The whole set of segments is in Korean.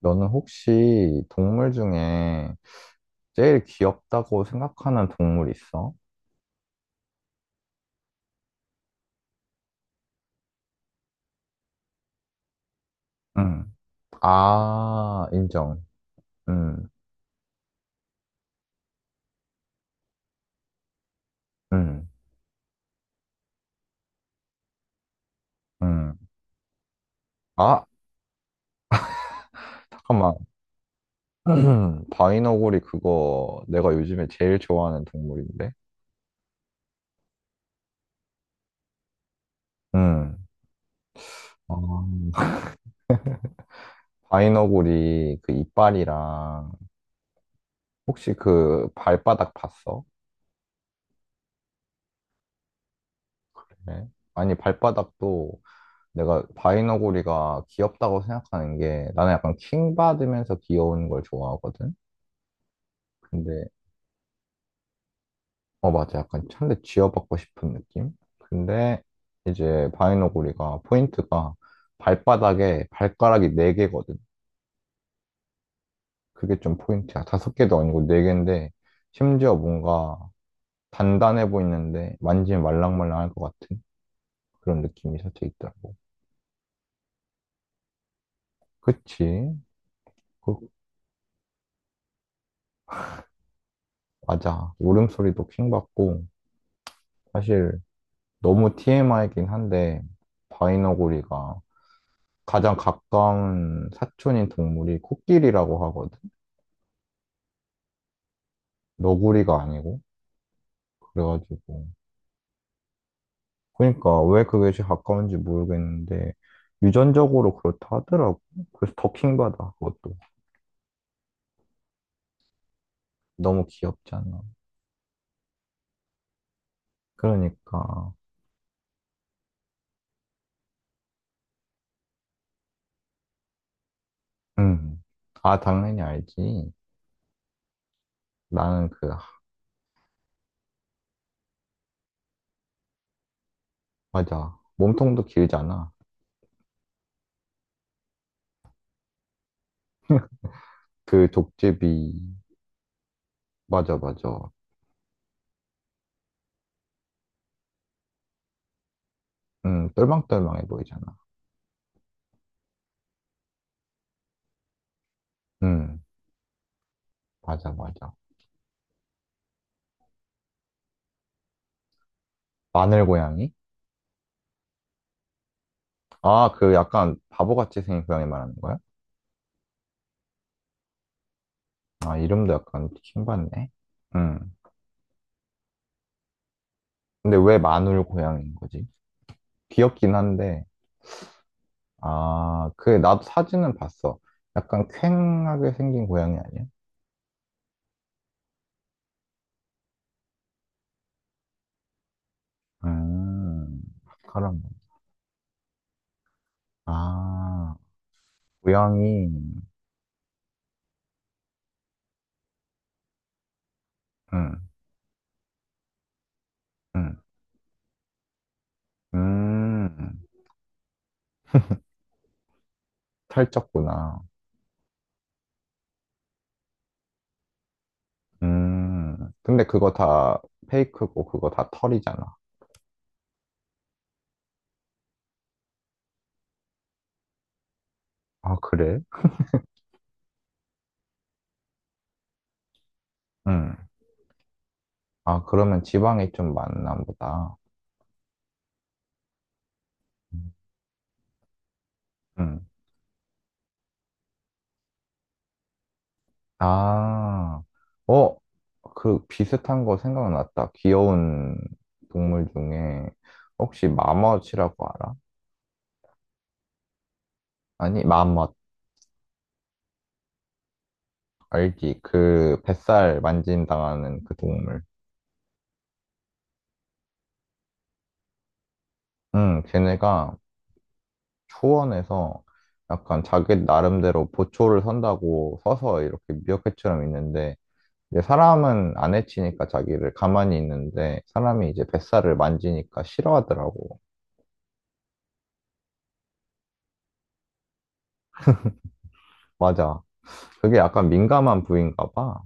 너는 혹시 동물 중에 제일 귀엽다고 생각하는 동물 있어? 응. 아, 인정. 응, 응, 응. 아, 잠깐만. 바이너구리, 그거 내가 요즘에 제일 좋아하는 동물인데? 응. 아, 바이너구리 그 이빨이랑 혹시 그 발바닥 봤어? 네. 아니, 발바닥도 내가 바이너구리가 귀엽다고 생각하는 게, 나는 약간 킹 받으면서 귀여운 걸 좋아하거든. 근데 어, 맞아. 약간 찬데 쥐어받고 싶은 느낌. 근데 이제 바이너구리가 포인트가, 발바닥에 발가락이 네 개거든. 그게 좀 포인트야. 다섯 개도 아니고 네 개인데, 심지어 뭔가 단단해 보이는데 만지면 말랑말랑할 것 같은 그런 느낌이 살짝 있더라고. 그치? 그- 맞아. 울음소리도 킹 받고, 사실. 너무 TMI긴 한데, 바이너구리가 가장 가까운 사촌인 동물이 코끼리라고 하거든. 너구리가 아니고. 그래가지고, 그러니까 왜 그게 제일 가까운지 모르겠는데 유전적으로 그렇다 하더라고. 그래서 더 킹받아, 그것도. 너무 귀엽잖아. 그러니까. 음. 아, 당연히 알지. 나는 그, 맞아, 몸통도 길잖아. 그 족제비. 맞아, 맞아. 음, 똘망똘망해 보이잖아. 음. 맞아, 맞아. 마늘 고양이? 아, 그 약간 바보같이 생긴 고양이 말하는 거야? 아, 이름도 약간 킹받네. 응. 근데 왜 마늘 고양이인 거지? 귀엽긴 한데, 아, 그, 나도 사진은 봤어. 약간 퀭하게 생긴 고양이 아니야? 음, 그런 거. 아, 고양이. 응, 응. 음, 살쪘구나. 근데 그거 다 페이크고, 그거 다 털이잖아. 아, 그래? 응. 아, 그러면 지방이 좀 많나 보다. 음. 음. 아, 어, 그 비슷한 거 생각났다. 귀여운 동물 중에 혹시 마멋이라고 알아? 아니, 마멋. 알지? 그 뱃살 만진당하는 그 동물. 응, 걔네가 초원에서 약간 자기 나름대로 보초를 선다고 서서 이렇게 미어캣처럼 있는데, 이제 사람은 안 해치니까 자기를 가만히 있는데 사람이 이제 뱃살을 만지니까 싫어하더라고. 맞아. 그게 약간 민감한 부위인가 봐.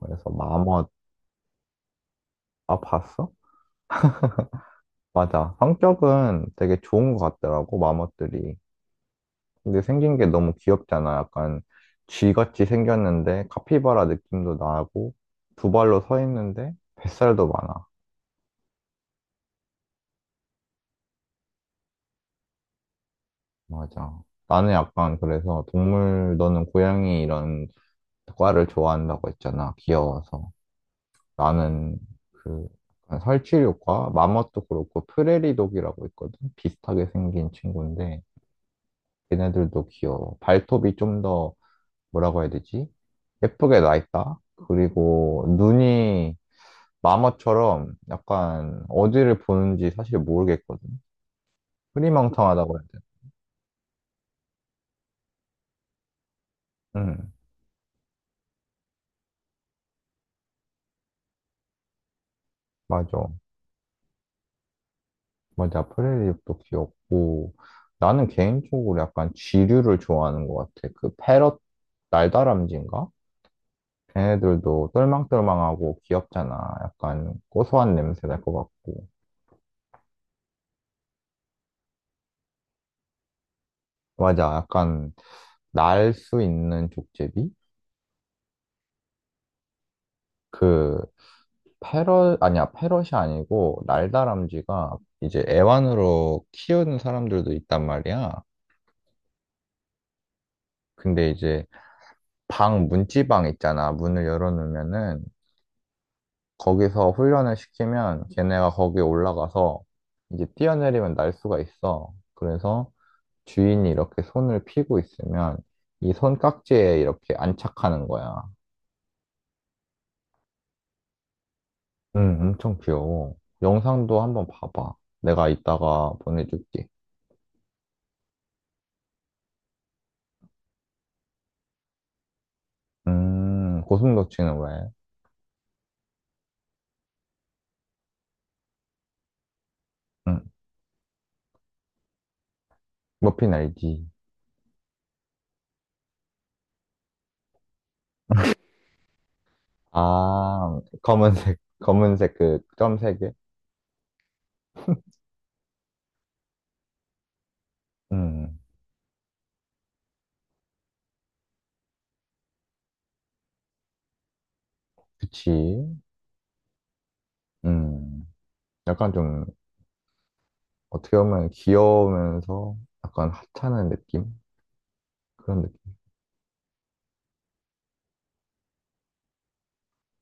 그래서 마멋, 아, 봤어? 맞아. 성격은 되게 좋은 것 같더라고, 마멋들이. 근데 생긴 게 너무 귀엽잖아. 약간 쥐같이 생겼는데 카피바라 느낌도 나고, 두 발로 서 있는데 뱃살도 많아. 맞아. 나는 약간 그래서 동물, 너는 고양이 이런 과를 좋아한다고 했잖아. 귀여워서. 나는 그, 약간 설치류과 마멋도 그렇고 프레리독이라고 있거든. 비슷하게 생긴 친구인데 걔네들도 귀여워. 발톱이 좀 더, 뭐라고 해야 되지? 예쁘게 나 있다. 그리고 눈이 마멋처럼 약간 어디를 보는지 사실 모르겠거든. 흐리망탕하다고 해야 되나? 응, 맞아. 프레리독도 귀엽고, 나는 개인적으로 약간 쥐류를 좋아하는 것 같아. 그 패럿, 날다람쥐인가? 애들도 똘망똘망하고 귀엽잖아. 약간 고소한 냄새 날 것 같고. 맞아. 약간 날 수 있는 족제비? 그 패럿 아니야. 패럿이 아니고 날다람쥐가 이제 애완으로 키우는 사람들도 있단 말이야. 근데 이제 방 문지방 있잖아. 문을 열어놓으면은 거기서 훈련을 시키면 걔네가 거기에 올라가서 이제 뛰어내리면 날 수가 있어. 그래서 주인이 이렇게 손을 피고 있으면 이 손깍지에 이렇게 안착하는 거야. 응, 엄청 귀여워. 영상도 한번 봐봐. 내가 이따가 보내줄게. 고슴도치는 왜? 응, 머핀 알지? 아, 검은색, 검은색 그 점색에? 음, 그치. 음, 약간 좀 어떻게 보면 귀여우면서 약간 하찮은 느낌? 그런 느낌.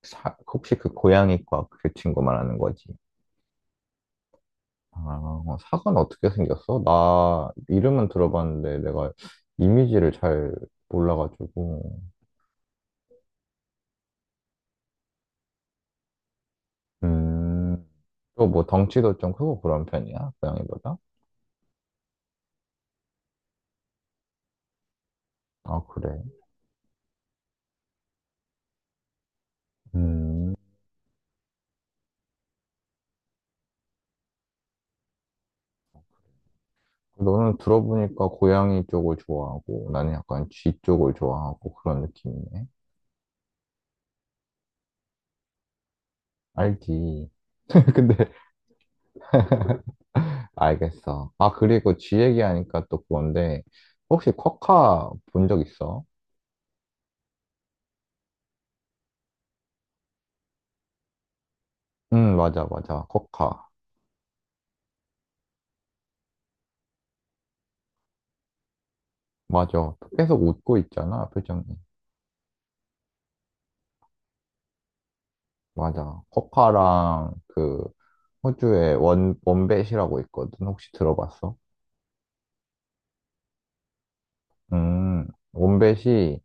혹시 그 고양이과 그 친구 말하는 거지? 아, 어, 사과는 어떻게 생겼어? 나 이름은 들어봤는데 내가 이미지를 잘 몰라가지고. 음, 또 뭐 덩치도 좀 크고 그런 편이야? 고양이보다? 아, 그래. 음, 그래. 너는 들어보니까 고양이 쪽을 좋아하고 나는 약간 쥐 쪽을 좋아하고 그런 느낌이네. 알지. 근데 알겠어. 아, 그리고 쥐 얘기하니까 또 그건데 혹시 쿼카 본 적 있어? 응, 맞아, 맞아. 코카. 맞아. 계속 웃고 있잖아, 표정이. 맞아. 코카랑 그 호주의 원뱃이라고 있거든. 혹시 들어봤어? 음, 원뱃이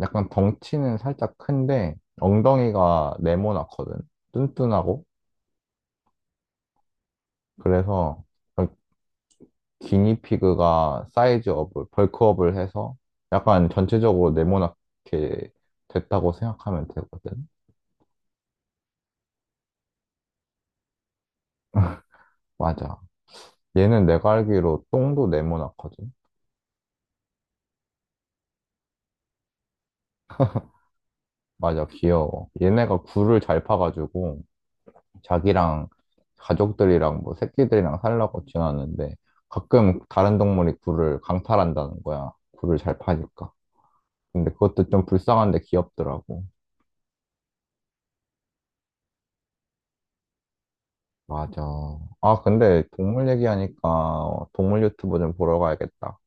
약간 덩치는 살짝 큰데 엉덩이가 네모나거든. 뚠뚠하고. 그래서 기니피그가 사이즈업을, 벌크업을 해서 약간 전체적으로 네모나게 됐다고 생각하면 되거든. 맞아. 얘는 내가 알기로 똥도 네모나거든. 맞아, 귀여워. 얘네가 굴을 잘 파가지고 자기랑 가족들이랑 뭐 새끼들이랑 살라고 지나는데 가끔 다른 동물이 굴을 강탈한다는 거야. 굴을 잘 파니까. 근데 그것도 좀 불쌍한데 귀엽더라고. 맞아. 아, 근데 동물 얘기하니까 동물 유튜브 좀 보러 가야겠다.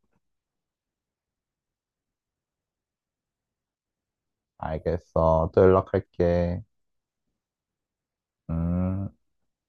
알겠어. 또 연락할게. 음.